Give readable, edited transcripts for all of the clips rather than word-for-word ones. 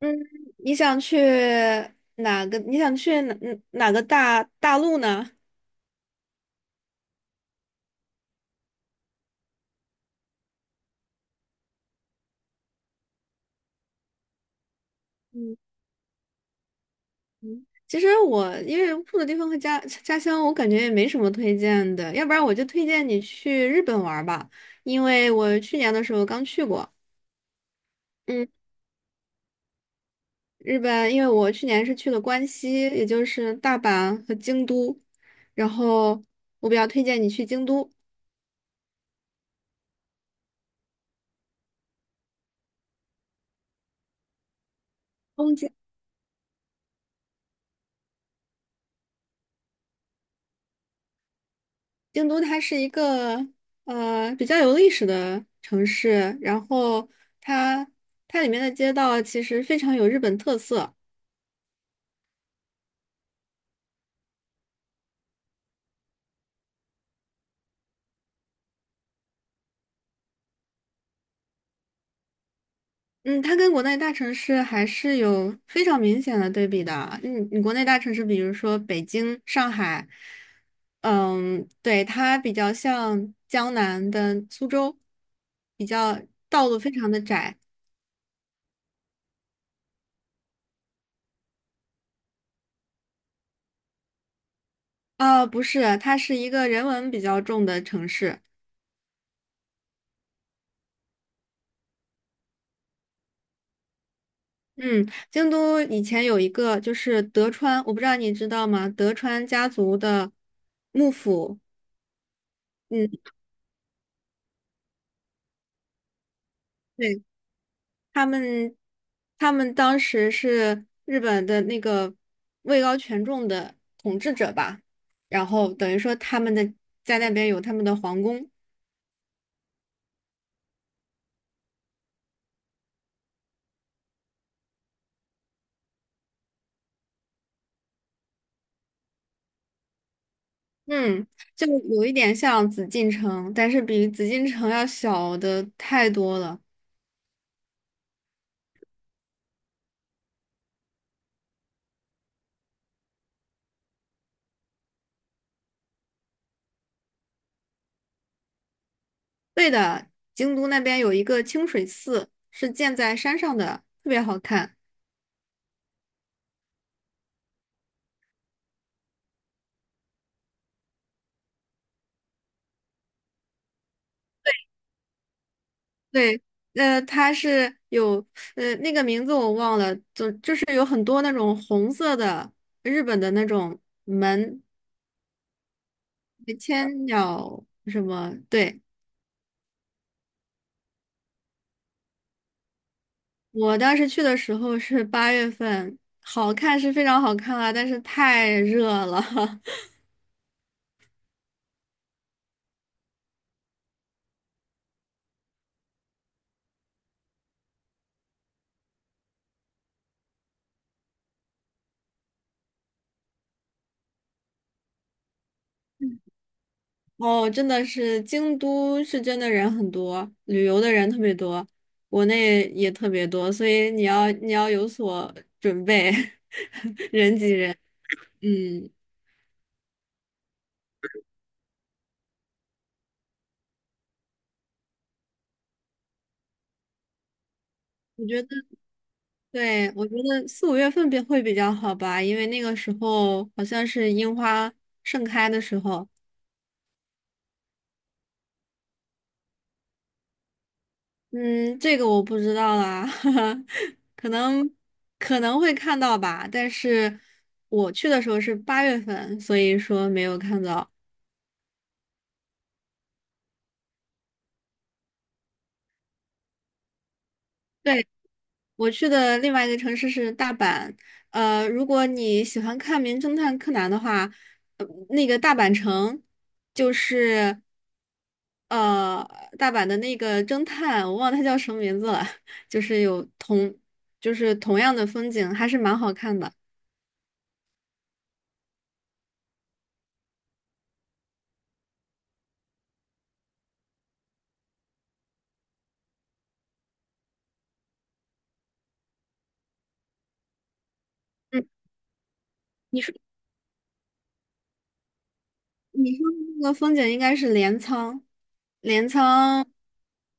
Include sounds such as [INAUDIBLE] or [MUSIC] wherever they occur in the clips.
嗯，你想去哪个？你想去哪个大陆呢？嗯嗯其实我因为住的地方和家乡，我感觉也没什么推荐的，要不然我就推荐你去日本玩儿吧，因为我去年的时候刚去过。嗯，日本，因为我去年是去了关西，也就是大阪和京都，然后我比较推荐你去京都。东京。京都它是一个比较有历史的城市，然后它它里面的街道其实非常有日本特色。嗯，它跟国内大城市还是有非常明显的对比的。你国内大城市，比如说北京、上海，对，它比较像江南的苏州，比较道路非常的窄。啊、不是，它是一个人文比较重的城市。嗯，京都以前有一个就是德川，我不知道你知道吗？德川家族的幕府，嗯，对，他们，他们当时是日本的那个位高权重的统治者吧，然后等于说他们的在那边有他们的皇宫，嗯，就有一点像紫禁城，但是比紫禁城要小的太多了。对的，京都那边有一个清水寺，是建在山上的，特别好看。对，它是有那个名字我忘了，就是有很多那种红色的日本的那种门，千鸟什么？对，我当时去的时候是八月份，好看是非常好看啊，但是太热了。[LAUGHS] 哦，真的是京都是真的人很多，旅游的人特别多，国内也特别多，所以你要有所准备，[LAUGHS] 人挤人，嗯。我觉得。对，我觉得4、5月份会比较好吧，因为那个时候好像是樱花盛开的时候。嗯，这个我不知道啦，[LAUGHS] 可能可能会看到吧，但是我去的时候是八月份，所以说没有看到。对，我去的另外一个城市是大阪，如果你喜欢看《名侦探柯南》的话，那个大阪城。就是。呃，大阪的那个侦探，我忘了他叫什么名字了，[LAUGHS] 就是有同，就是同样的风景，还是蛮好看的。嗯，你说你说的那个风景应该是镰仓。镰仓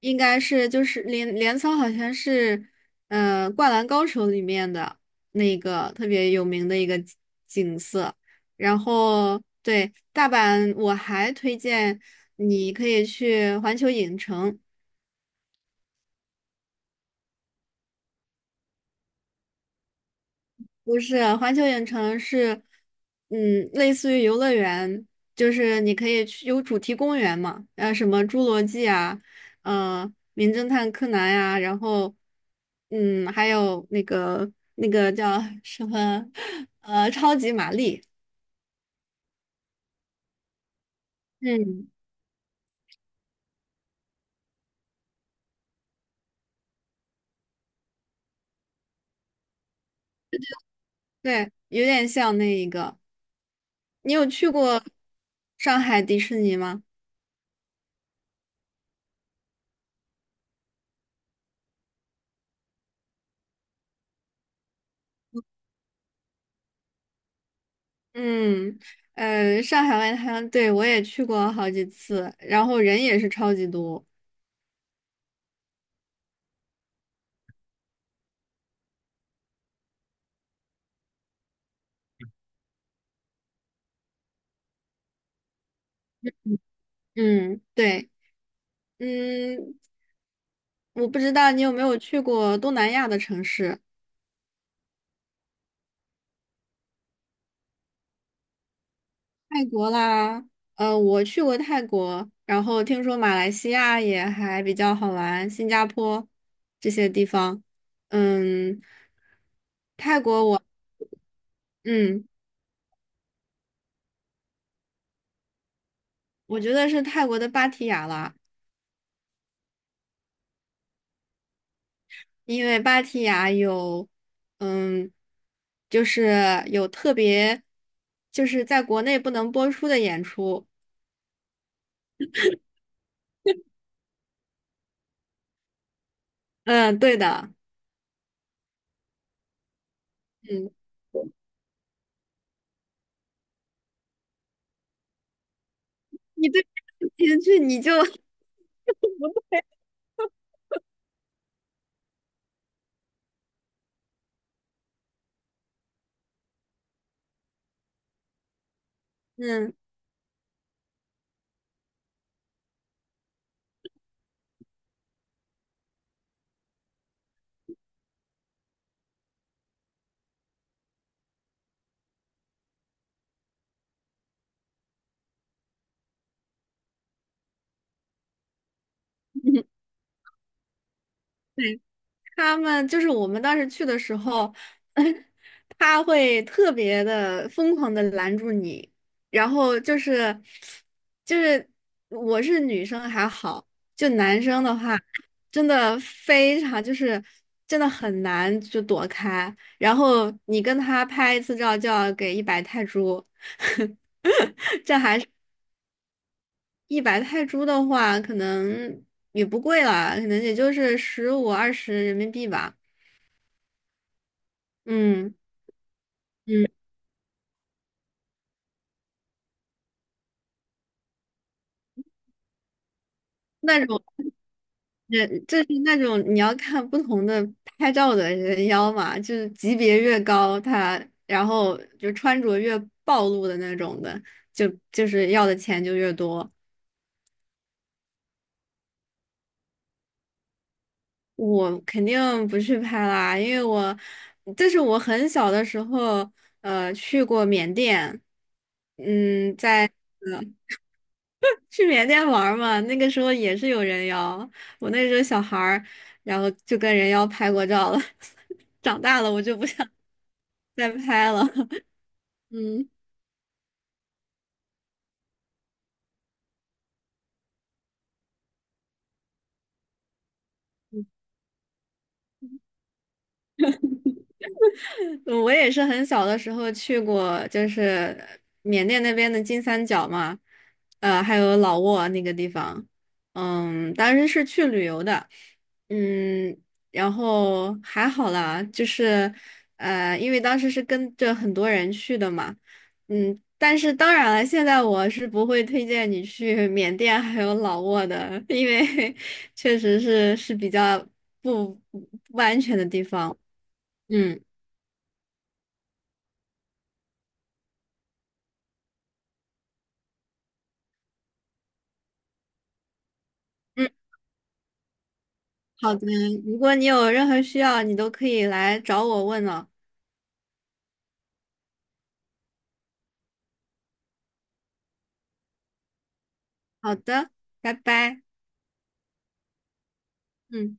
应该是就是镰仓好像是《灌篮高手》里面的那个特别有名的一个景色。然后对大阪，我还推荐你可以去环球影城。不是，环球影城是，类似于游乐园，就是你可以去有主题公园嘛，什么侏罗纪啊，名侦探柯南呀、然后，还有那个叫什么，[LAUGHS] 超级玛丽，嗯，对，有点像那一个。你有去过上海迪士尼吗？嗯，上海外滩，对，我也去过好几次，然后人也是超级多。嗯，对，嗯，我不知道你有没有去过东南亚的城市，泰国啦，我去过泰国，然后听说马来西亚也还比较好玩，新加坡这些地方，嗯，泰国我，嗯，我觉得是泰国的芭提雅啦，因为芭提雅有，嗯，就是有特别，就是在国内不能播出的演出，嗯，对的。嗯。你对你去你就嗯 [LAUGHS] 对，他们就是我们当时去的时候，[LAUGHS] 他会特别的疯狂的拦住你，然后就是我是女生还好，就男生的话，真的非常就是真的很难就躲开，然后你跟他拍一次照就要给一百泰铢，[LAUGHS] 一百泰铢的话，可能也不贵啦，可能也就是15、20人民币吧。嗯嗯，那种人就是那种你要看不同的拍照的人妖嘛，就是级别越高，他然后就穿着越暴露的那种的，就是要的钱就越多。我肯定不去拍啦，因为我这是我很小的时候去过缅甸，嗯，在。呃去缅甸玩儿嘛，那个时候也是有人妖，我那时候小孩儿，然后就跟人妖拍过照了。[LAUGHS] 长大了我就不想再拍了。[LAUGHS] 嗯。嗯我也是很小的时候去过，就是缅甸那边的金三角嘛，还有老挝那个地方，当时是去旅游的，嗯，然后还好啦，就是因为当时是跟着很多人去的嘛，但是当然了，现在我是不会推荐你去缅甸还有老挝的，因为 [LAUGHS] 确实是比较不不安全的地方，嗯。嗯好的，如果你有任何需要，你都可以来找我问哦。好的，拜拜。嗯。